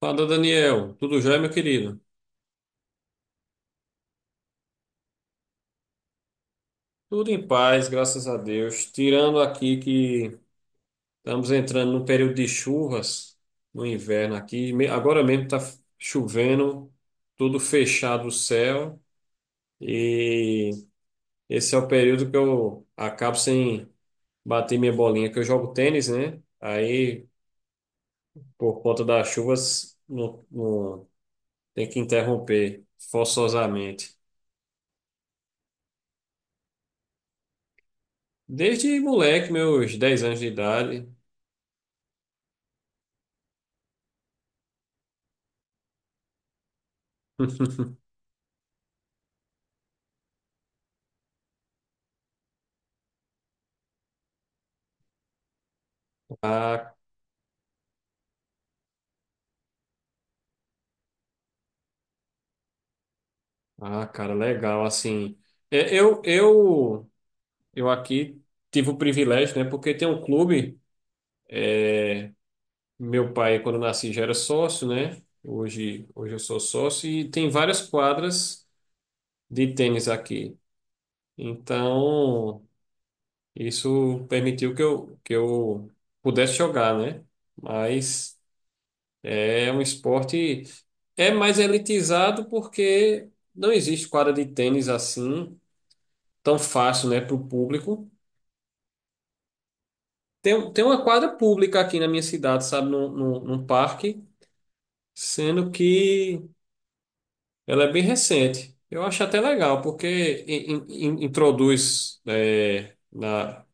Fala, Daniel. Tudo jóia, meu querido? Tudo em paz, graças a Deus. Tirando aqui que estamos entrando num período de chuvas no inverno aqui. Agora mesmo está chovendo, tudo fechado o céu. E esse é o período que eu acabo sem bater minha bolinha, que eu jogo tênis, né? Aí, por conta das chuvas, tem que interromper forçosamente. Desde moleque, meus 10 anos de idade. Ah, ah, cara, legal. Assim, é, eu, eu, eu aqui tive o privilégio, né? Porque tem um clube. Meu pai, quando eu nasci, já era sócio, né? Hoje eu sou sócio e tem várias quadras de tênis aqui. Então, isso permitiu que eu pudesse jogar, né? Mas é um esporte. É mais elitizado porque não existe quadra de tênis assim tão fácil, né, para o público. Tem uma quadra pública aqui na minha cidade, sabe, num parque, sendo que ela é bem recente. Eu acho até legal, porque introduz é, na,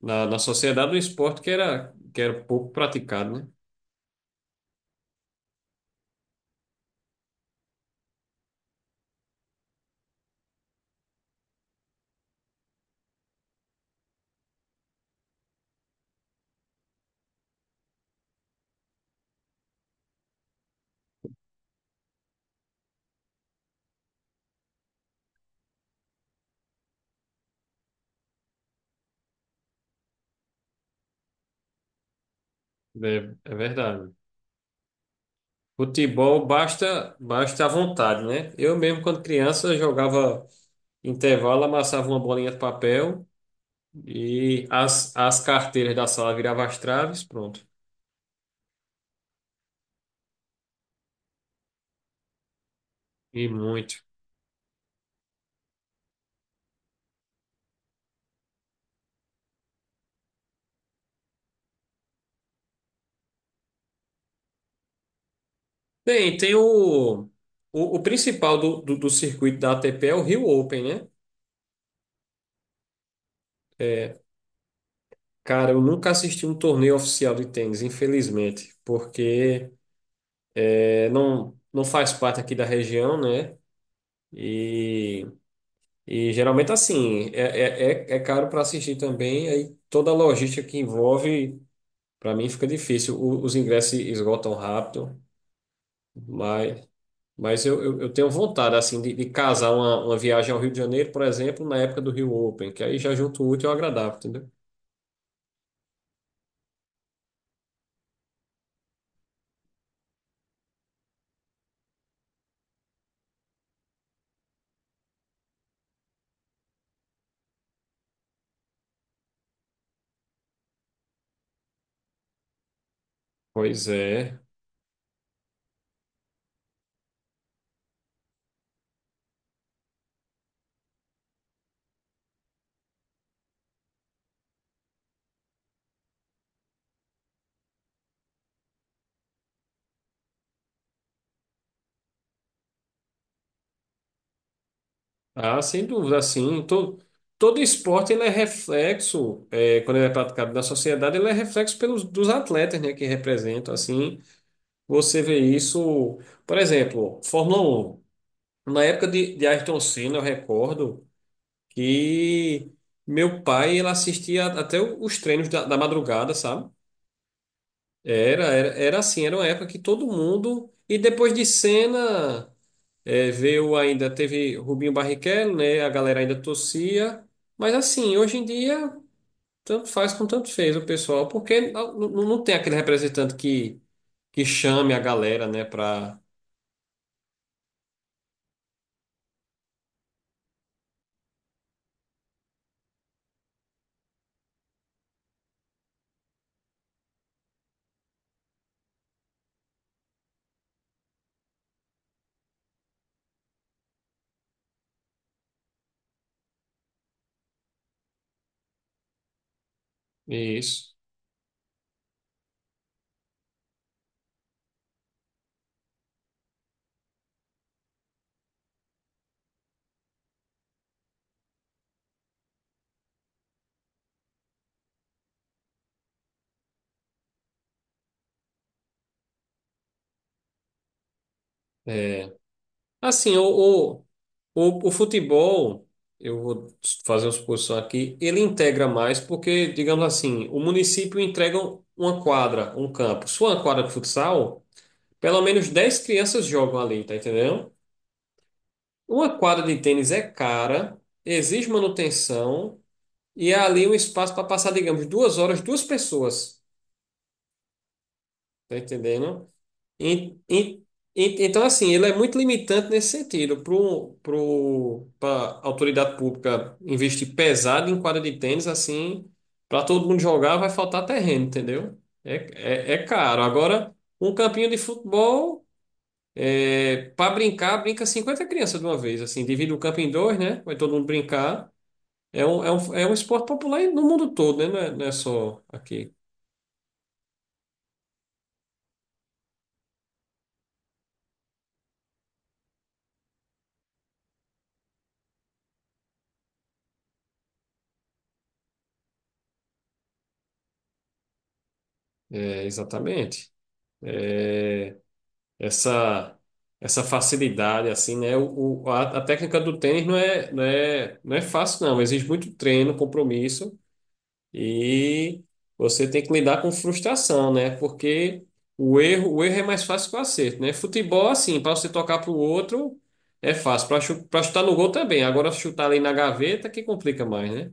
na, na sociedade um esporte que era pouco praticado, né? É, é verdade. Futebol basta, basta a vontade, né? Eu mesmo, quando criança, jogava intervalo, amassava uma bolinha de papel e as carteiras da sala viravam as traves, pronto. E muito. Bem, tem o, o principal do circuito da ATP é o Rio Open, né? É, cara, eu nunca assisti um torneio oficial de tênis, infelizmente, porque não faz parte aqui da região, né? E, e geralmente assim, é caro para assistir também, aí toda a logística que envolve, para mim fica difícil. Os ingressos esgotam rápido, mas Mas eu tenho vontade, assim, de casar uma viagem ao Rio de Janeiro, por exemplo, na época do Rio Open, que aí já junto o útil ao agradável, entendeu? Pois é. Ah, sem dúvida, assim, todo esporte ele é reflexo, quando ele é praticado na sociedade, ele é reflexo dos atletas, né, que representam, assim, você vê isso, por exemplo, Fórmula 1. Na época de Ayrton Senna, eu recordo que meu pai, ele assistia até os treinos da madrugada, sabe? Era assim, era uma época que todo mundo. E depois de Senna, veio ainda, teve Rubinho Barrichello, né? A galera ainda torcia. Mas assim, hoje em dia, tanto faz como tanto fez o pessoal, porque não tem aquele representante que chame a galera, né, pra isso. É. Assim, o, o futebol, eu vou fazer uma suposição aqui, ele integra mais porque, digamos assim, o município entrega uma quadra, um campo. Se for uma quadra de futsal, pelo menos 10 crianças jogam ali, tá entendendo? Uma quadra de tênis é cara, exige manutenção e é ali um espaço para passar, digamos, 2 horas, duas pessoas, tá entendendo? En- en- Então, assim, ele é muito limitante nesse sentido. Para a autoridade pública investir pesado em quadra de tênis, assim, para todo mundo jogar, vai faltar terreno, entendeu? É caro. Agora, um campinho de futebol, para brincar, brinca 50 crianças de uma vez, assim, divide o campo em dois, né? Vai todo mundo brincar. É um esporte popular no mundo todo, né? Não é só aqui. É, exatamente. essa essa facilidade assim, né? A técnica do tênis não é fácil não, exige muito treino, compromisso e você tem que lidar com frustração, né? Porque o erro é mais fácil que o acerto, né? Futebol assim, para você tocar para o outro é fácil, para chutar no gol também. Agora chutar ali na gaveta que complica mais, né?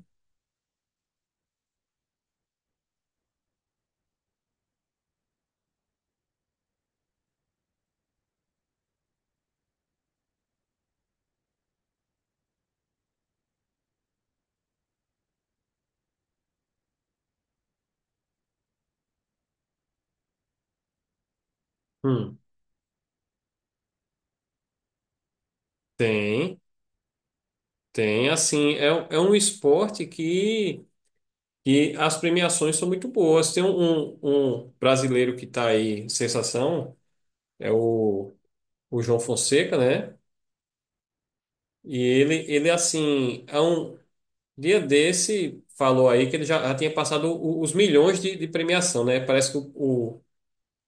Hum. Tem, tem assim, é um esporte que e as premiações são muito boas. Tem um brasileiro que está aí, sensação, é o João Fonseca, né? E ele assim, há um dia desse, falou aí que ele já tinha passado os milhões de premiação, né? Parece que o-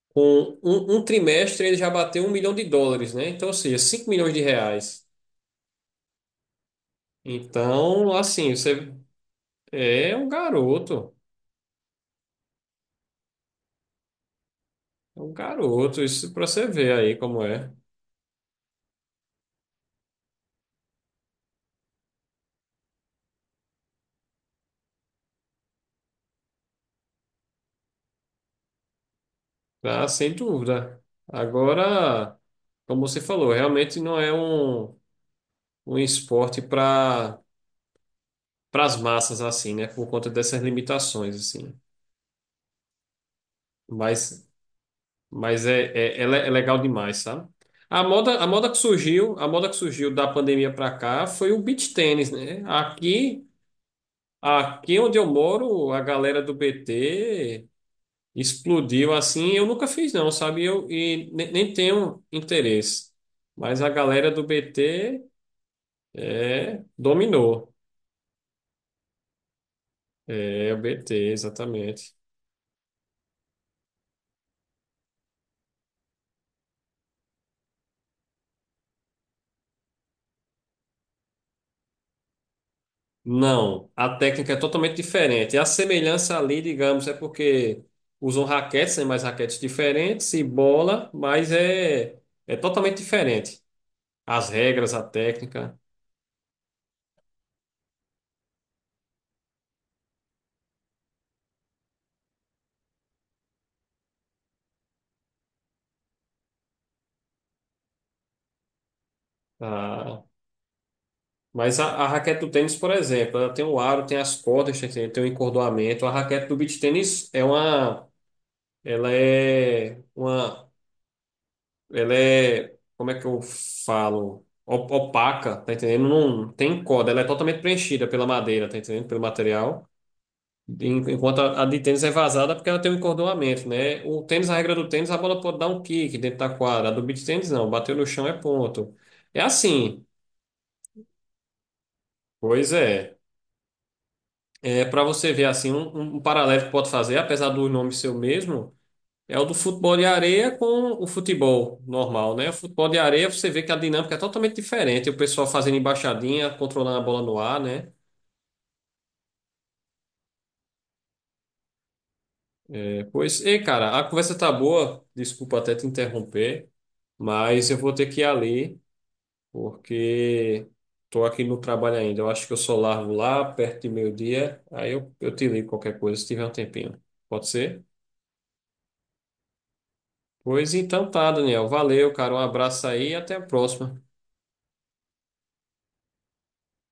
com um trimestre ele já bateu US$ 1 milhão, né? Então, ou seja, R$ 5 milhões. Então, assim, você é um garoto, é um garoto, isso para você ver aí como é. Ah, sem dúvida. Agora, como você falou, realmente não é um esporte para as massas assim, né? Por conta dessas limitações assim. Mas mas é legal demais, sabe? A moda que surgiu da pandemia para cá foi o beach tênis, né? Aqui onde eu moro, a galera do BT explodiu assim. Eu nunca fiz, não, sabe? Nem tenho interesse. Mas a galera do BT dominou. É, o BT, exatamente. Não, a técnica é totalmente diferente. A semelhança ali, digamos, é porque usam raquetes, né, mas raquetes diferentes, e bola, mas é totalmente diferente. As regras, a técnica. Mas a raquete do tênis, por exemplo, ela tem o aro, tem as cordas, tem o encordoamento. A raquete do beach tênis é uma, ela é uma, ela é, como é que eu falo? Opaca, tá entendendo? Não tem corda, ela é totalmente preenchida pela madeira, tá entendendo? Pelo material. Enquanto a de tênis é vazada porque ela tem o encordoamento, né? O tênis, a regra do tênis, a bola pode dar um kick dentro da quadra. A do beach tênis não, bateu no chão é ponto. É assim. Pois é. É, para você ver assim, um paralelo que pode fazer, apesar do nome ser o mesmo, é o do futebol de areia com o futebol normal, né? O futebol de areia você vê que a dinâmica é totalmente diferente, o pessoal fazendo embaixadinha, controlando a bola no ar, né? É, pois, ei, cara, a conversa tá boa, desculpa até te interromper, mas eu vou ter que ir ali, porque tô aqui no trabalho ainda. Eu acho que eu só largo lá perto de meio-dia, aí eu te ligo qualquer coisa se tiver um tempinho. Pode ser? Pois então tá, Daniel. Valeu, cara. Um abraço aí e até a próxima.